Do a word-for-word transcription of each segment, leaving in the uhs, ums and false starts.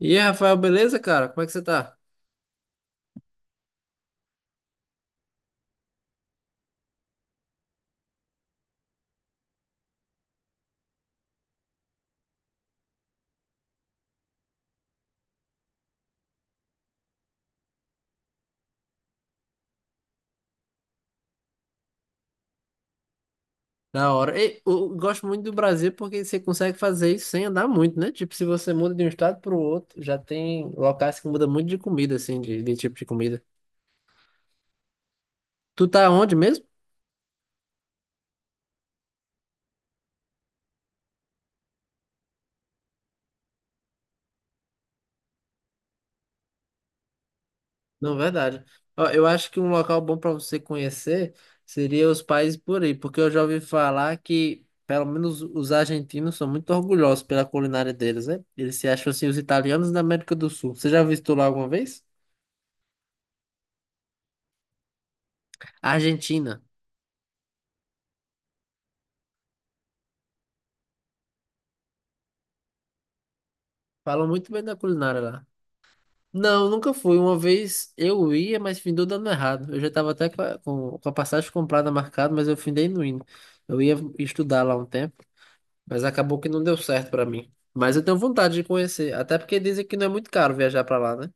E aí, Rafael, beleza, cara? Como é que você tá? Da hora. E, eu gosto muito do Brasil porque você consegue fazer isso sem andar muito, né? Tipo, se você muda de um estado pro outro, já tem locais que muda muito de comida, assim, de, de tipo de comida. Tu tá onde mesmo? Não, verdade. Ó, eu acho que um local bom para você conhecer seria os países por aí, porque eu já ouvi falar que, pelo menos, os argentinos são muito orgulhosos pela culinária deles, né? Eles se acham, assim, os italianos da América do Sul. Você já visitou lá alguma vez? Argentina. Falam muito bem da culinária lá. Não, nunca fui. Uma vez eu ia, mas findou dando errado. Eu já estava até com a, com- com a passagem comprada marcada, mas eu findei não indo. Eu ia estudar lá um tempo, mas acabou que não deu certo para mim. Mas eu tenho vontade de conhecer, até porque dizem que não é muito caro viajar para lá, né?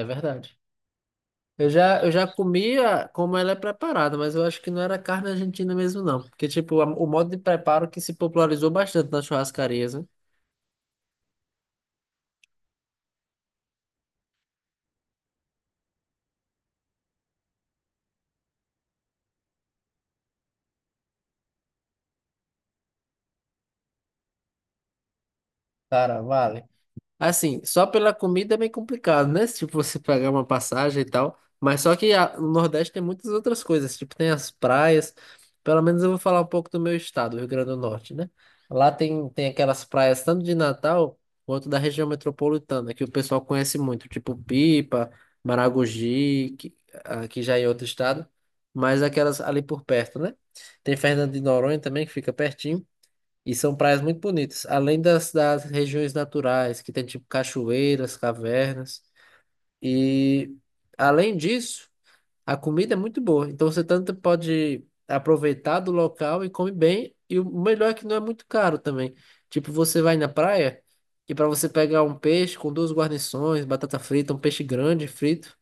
É verdade. Eu já, eu já comia como ela é preparada, mas eu acho que não era carne argentina mesmo, não. Porque, tipo, a- o modo de preparo que se popularizou bastante nas churrascarias, né? Cara, vale. Assim, só pela comida é meio complicado, né? Se tipo, você pagar uma passagem e tal. Mas só que a- no Nordeste tem muitas outras coisas. Tipo, tem as praias. Pelo menos eu vou falar um pouco do meu estado, Rio Grande do Norte, né? Lá tem, tem aquelas praias tanto de Natal quanto da região metropolitana, que o pessoal conhece muito. Tipo, Pipa, Maragogi, que, ah, que já é outro estado. Mas aquelas ali por perto, né? Tem Fernando de Noronha também, que fica pertinho. E são praias muito bonitas, além das, das regiões naturais, que tem tipo cachoeiras, cavernas. E além disso, a comida é muito boa. Então você tanto pode aproveitar do local e come bem. E o melhor é que não é muito caro também. Tipo, você vai na praia e para você pegar um peixe com duas guarnições, batata frita, um peixe grande frito,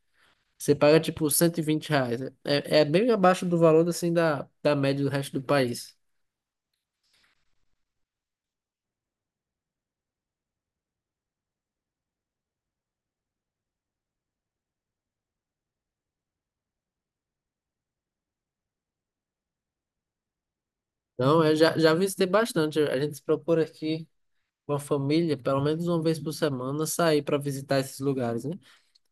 você paga tipo cento e vinte reais. É, é bem abaixo do valor assim da, da média do resto do país. Não, eu já, já visitei bastante. A gente procura aqui com a família, pelo menos uma vez por semana, sair para visitar esses lugares, né?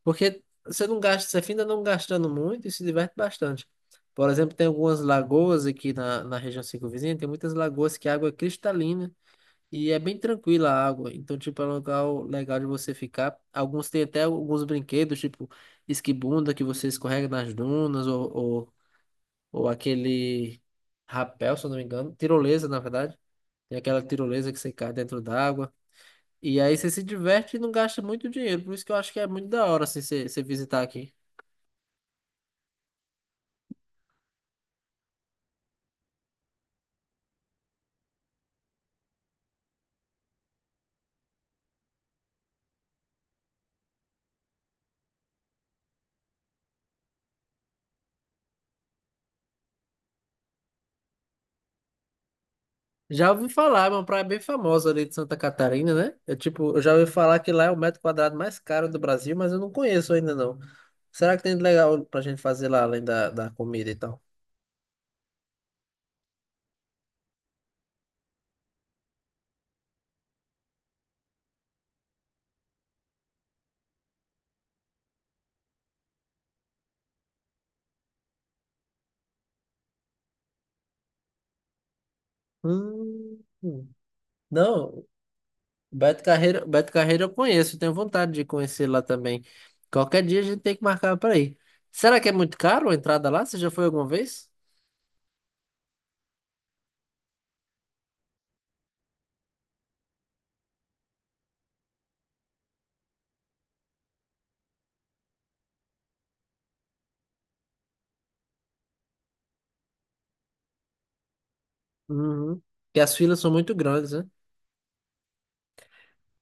Porque você não gasta, você ainda não gastando muito e se diverte bastante. Por exemplo, tem algumas lagoas aqui na, na região circunvizinha, tem muitas lagoas que a água é cristalina e é bem tranquila a água. Então, tipo, é um lugar legal de você ficar. Alguns têm até alguns brinquedos, tipo esquibunda, que você escorrega nas dunas, ou, ou, ou aquele rapel, se eu não me engano, tirolesa, na verdade tem aquela tirolesa que você cai dentro d'água. E aí você se diverte e não gasta muito dinheiro. Por isso que eu acho que é muito da hora, assim, você você visitar aqui. Já ouvi falar, é uma praia bem famosa ali de Santa Catarina, né? Eu, tipo, eu já ouvi falar que lá é o metro quadrado mais caro do Brasil, mas eu não conheço ainda, não. Será que tem de legal pra gente fazer lá, além da, da comida e tal? Hum. Não, Beto Carreiro, Beto Carreiro eu conheço, tenho vontade de conhecer lá também. Qualquer dia a gente tem que marcar pra ir. Será que é muito caro a entrada lá? Você já foi alguma vez? Uhum. Porque as filas são muito grandes, né?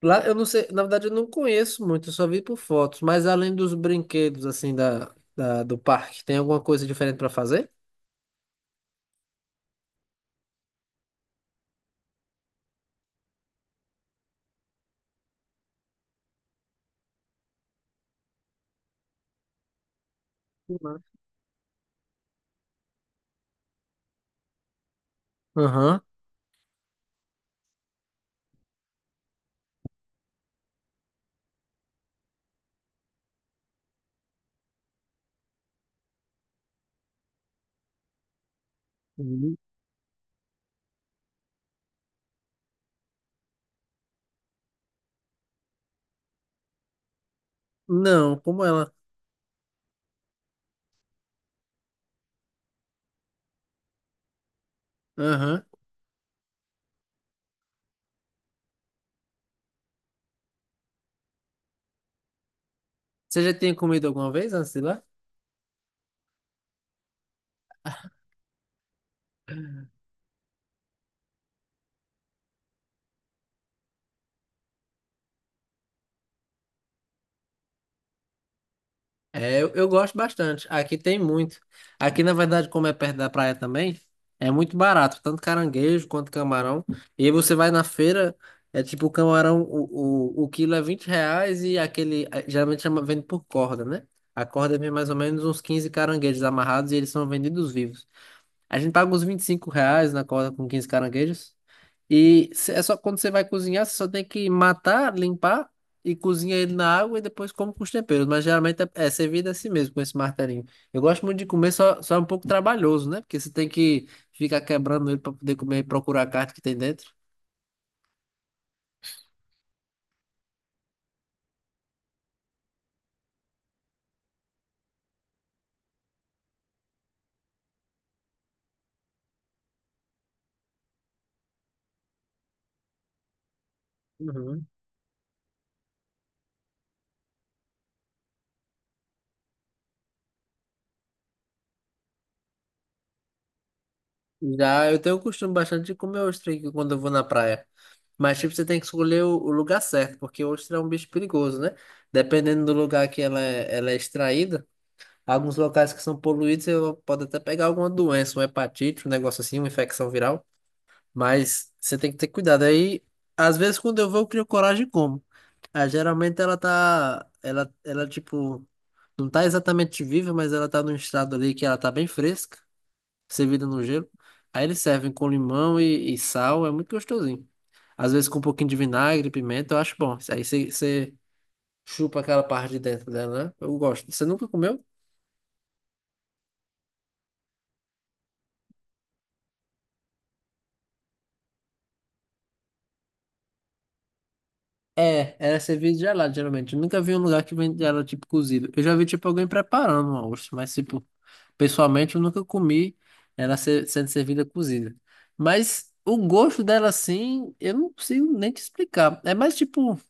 Lá, eu não sei, na verdade eu não conheço muito, eu só vi por fotos, mas além dos brinquedos, assim, da, da- do parque, tem alguma coisa diferente para fazer? Aham. Uhum. Não, como ela? Aham. Você já tinha comido alguma vez antes de ir lá? É, eu, eu gosto bastante. Aqui tem muito. Aqui, na verdade, como é perto da praia também, é muito barato, tanto caranguejo quanto camarão. E aí você vai na feira, é tipo o camarão, o, o, o quilo é vinte reais e aquele, eh, geralmente chama, vende por corda, né? A corda vem mais ou menos uns quinze caranguejos amarrados e eles são vendidos vivos. A gente paga uns vinte e cinco reais na corda com quinze caranguejos. E cê- é só quando você vai cozinhar, você só tem que matar, limpar e cozinha ele na água e depois come com os temperos. Mas geralmente é, é servido assim mesmo, com esse martelinho. Eu gosto muito de comer, só, só é um pouco trabalhoso, né? Porque você tem que ficar quebrando ele para poder comer e procurar a carne que tem dentro. Uhum. Já eu tenho o costume bastante de comer ostra aqui quando eu vou na praia. Mas, tipo, você tem que escolher o, o lugar certo, porque ostra é um bicho perigoso, né? Dependendo do lugar que ela é, ela é extraída. Alguns locais que são poluídos, eu pode até pegar alguma doença, uma hepatite, um negócio assim, uma infecção viral. Mas você tem que ter cuidado. Aí, às vezes, quando eu vou, eu crio coragem e como. Ah, geralmente ela tá. Ela, ela, tipo, não tá exatamente viva, mas ela tá num estado ali que ela tá bem fresca, servida no gelo. Aí eles servem com limão e, e sal, é muito gostosinho. Às vezes com um pouquinho de vinagre, pimenta, eu acho bom. Aí você você chupa aquela parte de dentro dela, né? Eu gosto. Você nunca comeu? É, era servido gelado, geralmente. Eu nunca vi um lugar que vende ela tipo cozido. Eu já vi tipo alguém preparando uma ostra, mas tipo, pessoalmente eu nunca comi ela ser- sendo servida cozida. Mas o gosto dela assim, eu não consigo nem te explicar. É mais tipo,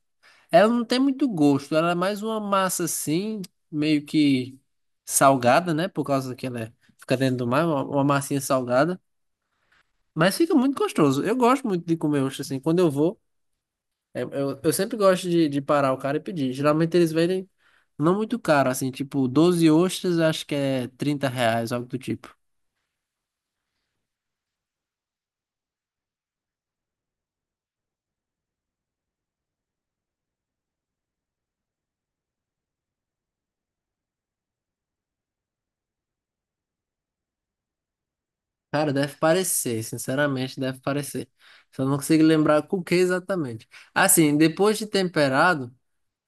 ela não tem muito gosto, ela é mais uma massa assim, meio que salgada, né? Por causa que ela é- fica dentro do mar, uma, uma massinha salgada. Mas fica muito gostoso. Eu gosto muito de comer ostra assim. Quando eu vou. É, eu, eu sempre gosto de, de parar o cara e pedir. Geralmente eles vendem não muito caro, assim, tipo, doze ostras, acho que é trinta reais, algo do tipo. Cara, deve parecer, sinceramente, deve parecer. Só não consigo lembrar com o que exatamente. Assim, depois de temperado,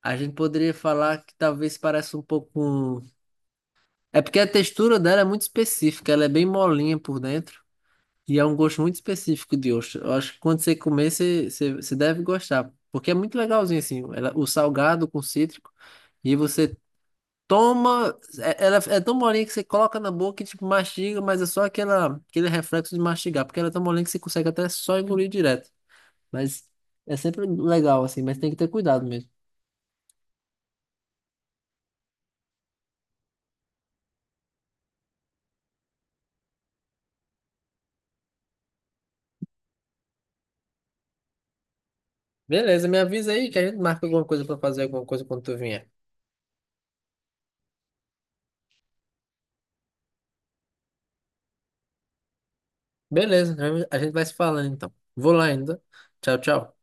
a gente poderia falar que talvez pareça um pouco um... É porque a textura dela é muito específica, ela é bem molinha por dentro. E é um gosto muito específico de ostra. Eu acho que quando você comer, você, você, você deve gostar. Porque é muito legalzinho, assim. Ela- o salgado com cítrico. E você toma. é- Ela é tão molinha que você coloca na boca e tipo, mastiga, mas é só aquela, aquele reflexo de mastigar. Porque ela é tão molinha que você consegue até só engolir direto. Mas é sempre legal, assim. Mas tem que ter cuidado mesmo. Beleza, me avisa aí que a gente marca alguma coisa pra fazer, alguma coisa quando tu vier. Beleza, a gente vai se falando então. Vou lá ainda. Tchau, tchau.